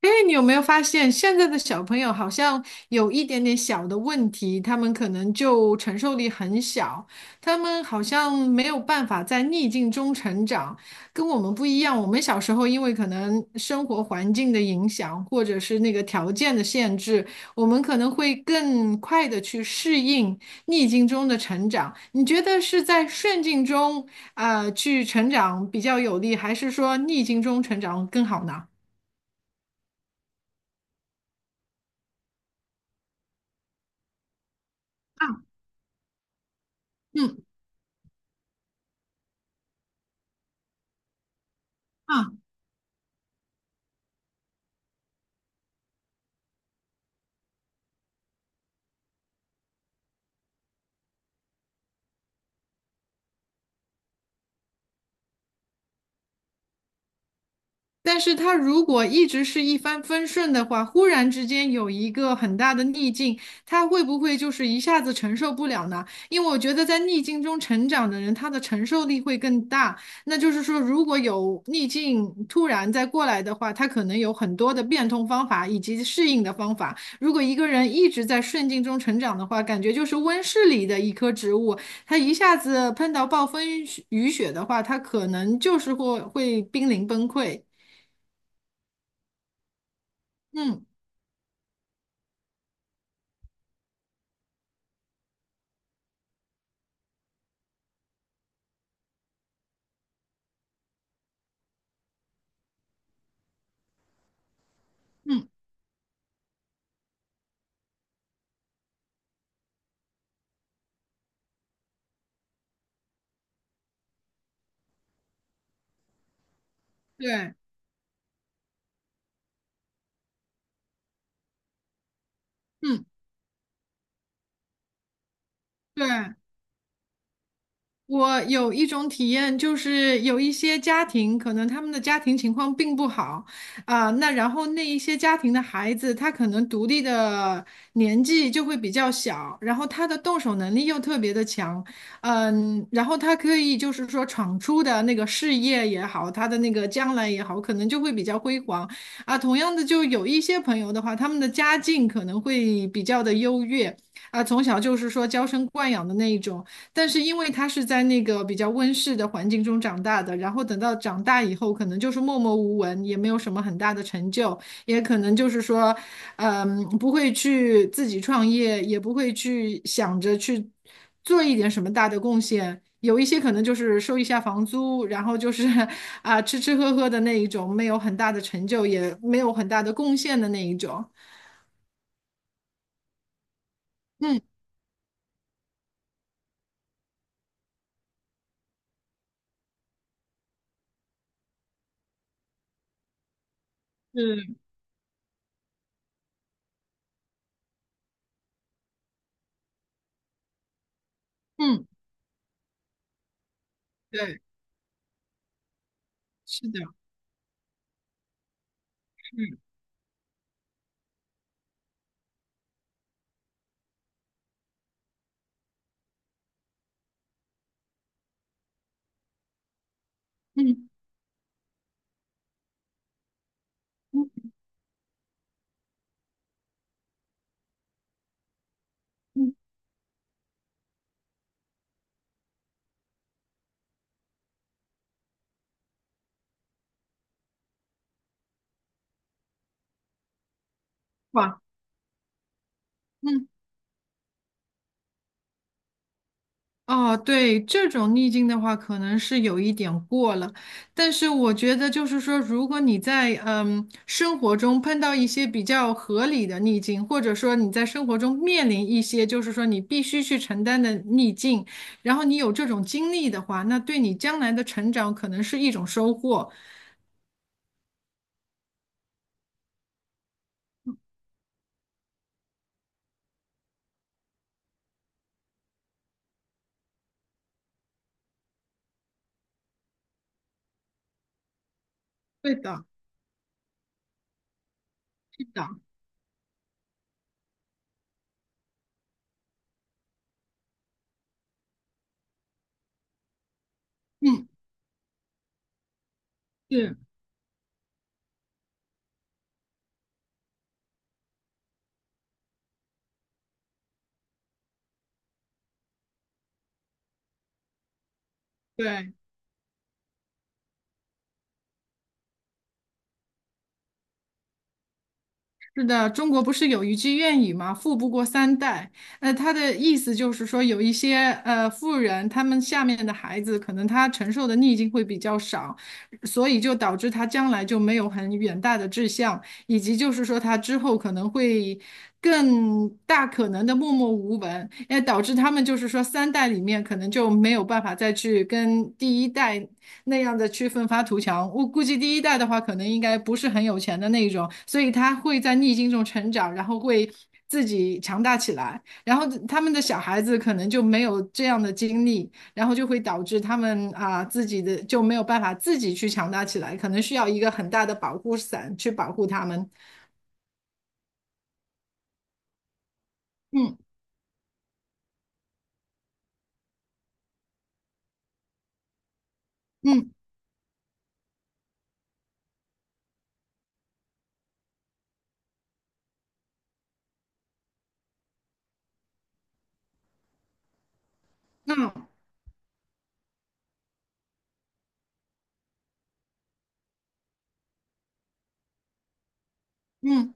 因为你有没有发现，现在的小朋友好像有一点点小的问题，他们可能就承受力很小，他们好像没有办法在逆境中成长，跟我们不一样。我们小时候因为可能生活环境的影响，或者是那个条件的限制，我们可能会更快的去适应逆境中的成长。你觉得是在顺境中去成长比较有利，还是说逆境中成长更好呢？啊，嗯。啊，但是他如果一直是一帆风顺的话，忽然之间有一个很大的逆境，他会不会就是一下子承受不了呢？因为我觉得在逆境中成长的人，他的承受力会更大。那就是说，如果有逆境突然再过来的话，他可能有很多的变通方法以及适应的方法。如果一个人一直在顺境中成长的话，感觉就是温室里的一棵植物，他一下子碰到暴风雨雪的话，他可能就是会濒临崩溃。嗯嗯，对，嗯对。我有一种体验，就是有一些家庭，可能他们的家庭情况并不好，然后那一些家庭的孩子，他可能独立的年纪就会比较小，然后他的动手能力又特别的强，嗯，然后他可以就是说闯出的那个事业也好，他的那个将来也好，可能就会比较辉煌，啊，同样的，就有一些朋友的话，他们的家境可能会比较的优越，啊，从小就是说娇生惯养的那一种。但是因为他是在那个比较温室的环境中长大的，然后等到长大以后，可能就是默默无闻，也没有什么很大的成就，也可能就是说，嗯，不会去自己创业，也不会去想着去做一点什么大的贡献。有一些可能就是收一下房租，然后就是 啊吃吃喝喝的那一种，没有很大的成就，也没有很大的贡献的那一种。嗯，是，嗯，对，是的，是，嗯嗯嗯，嗯哇。嗯。哦，对，这种逆境的话，可能是有一点过了，但是我觉得就是说，如果你在生活中碰到一些比较合理的逆境，或者说你在生活中面临一些就是说你必须去承担的逆境，然后你有这种经历的话，那对你将来的成长可能是一种收获。对的，是的，嗯，是，对。是的，中国不是有一句谚语吗？“富不过三代”。他的意思就是说，有一些富人，他们下面的孩子，可能他承受的逆境会比较少，所以就导致他将来就没有很远大的志向，以及就是说他之后可能会更大可能的默默无闻，也导致他们就是说三代里面可能就没有办法再去跟第一代。那样的去奋发图强。我估计第一代的话，可能应该不是很有钱的那一种，所以他会在逆境中成长，然后会自己强大起来。然后他们的小孩子可能就没有这样的经历，然后就会导致他们自己的就没有办法自己去强大起来，可能需要一个很大的保护伞去保护他们。嗯嗯嗯嗯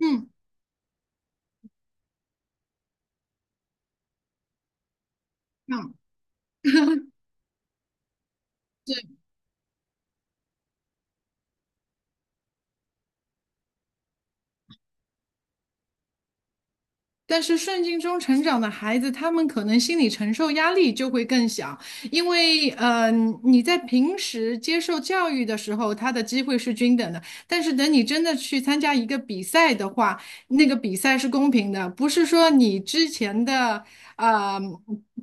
嗯嗯，嗯但是顺境中成长的孩子，他们可能心理承受压力就会更小，因为，你在平时接受教育的时候，他的机会是均等的，但是等你真的去参加一个比赛的话，那个比赛是公平的，不是说你之前的，呃，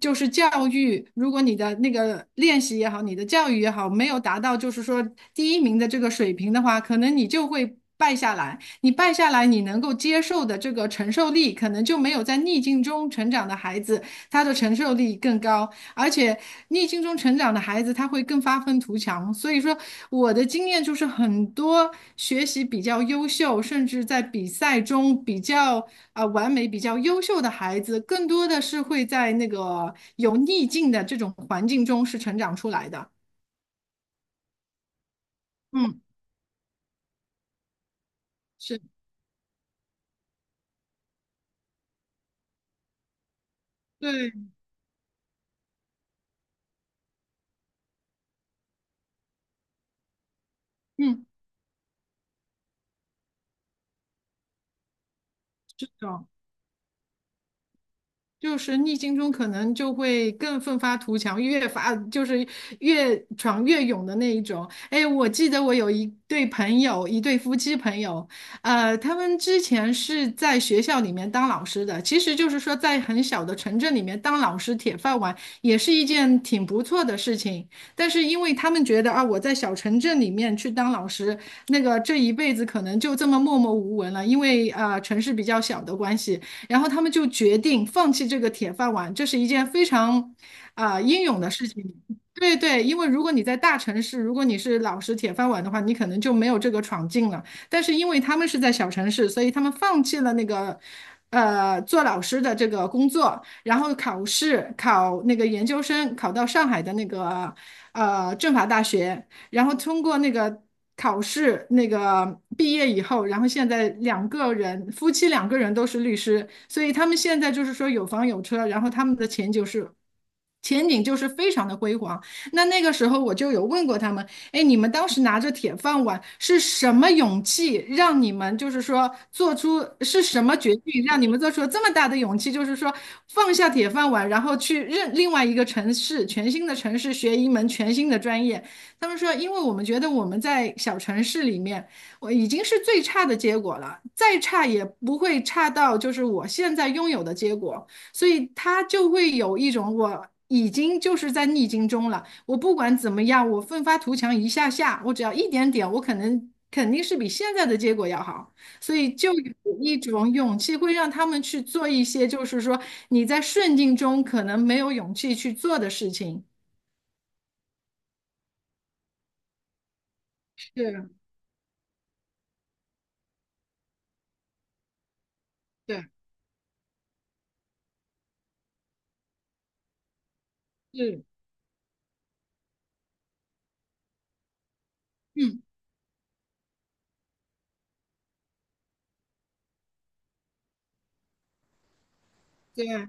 就是教育，如果你的那个练习也好，你的教育也好，没有达到就是说第一名的这个水平的话，可能你就会败下来。你败下来，你能够接受的这个承受力，可能就没有在逆境中成长的孩子，他的承受力更高。而且逆境中成长的孩子，他会更发愤图强。所以说，我的经验就是，很多学习比较优秀，甚至在比赛中比较完美、比较优秀的孩子，更多的是会在那个有逆境的这种环境中是成长出来的。嗯，是，对，嗯，是的。就是逆境中可能就会更奋发图强，越发就是越闯越勇的那一种。哎，我记得我有一对朋友，一对夫妻朋友，他们之前是在学校里面当老师的，其实就是说在很小的城镇里面当老师铁饭碗也是一件挺不错的事情。但是因为他们觉得啊，我在小城镇里面去当老师，那个这一辈子可能就这么默默无闻了，因为城市比较小的关系。然后他们就决定放弃这个铁饭碗，这是一件非常英勇的事情。对对，因为如果你在大城市，如果你是老实铁饭碗的话，你可能就没有这个闯劲了。但是因为他们是在小城市，所以他们放弃了那个，做老师的这个工作，然后考试考那个研究生，考到上海的那个政法大学，然后通过那个考试，那个毕业以后，然后现在两个人，夫妻两个人都是律师，所以他们现在就是说有房有车，然后他们的前景是。前景就是非常的辉煌。那那个时候我就有问过他们，哎，你们当时拿着铁饭碗是什么勇气让你们就是说做出是什么决定让你们做出了这么大的勇气，就是说放下铁饭碗，然后去任另外一个城市，全新的城市学一门全新的专业。他们说，因为我们觉得我们在小城市里面，我已经是最差的结果了，再差也不会差到就是我现在拥有的结果，所以他就会有一种我已经就是在逆境中了，我不管怎么样，我奋发图强一下下，我只要一点点，我可能肯定是比现在的结果要好，所以就有一种勇气会让他们去做一些就是说你在顺境中可能没有勇气去做的事情。对，对，是，嗯。对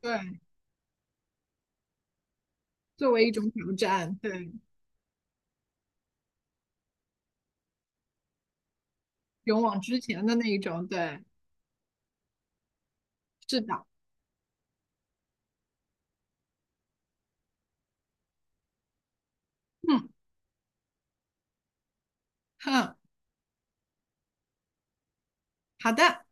对，作为一种挑战，对，勇往直前的那一种，对，是的，嗯哼，好的。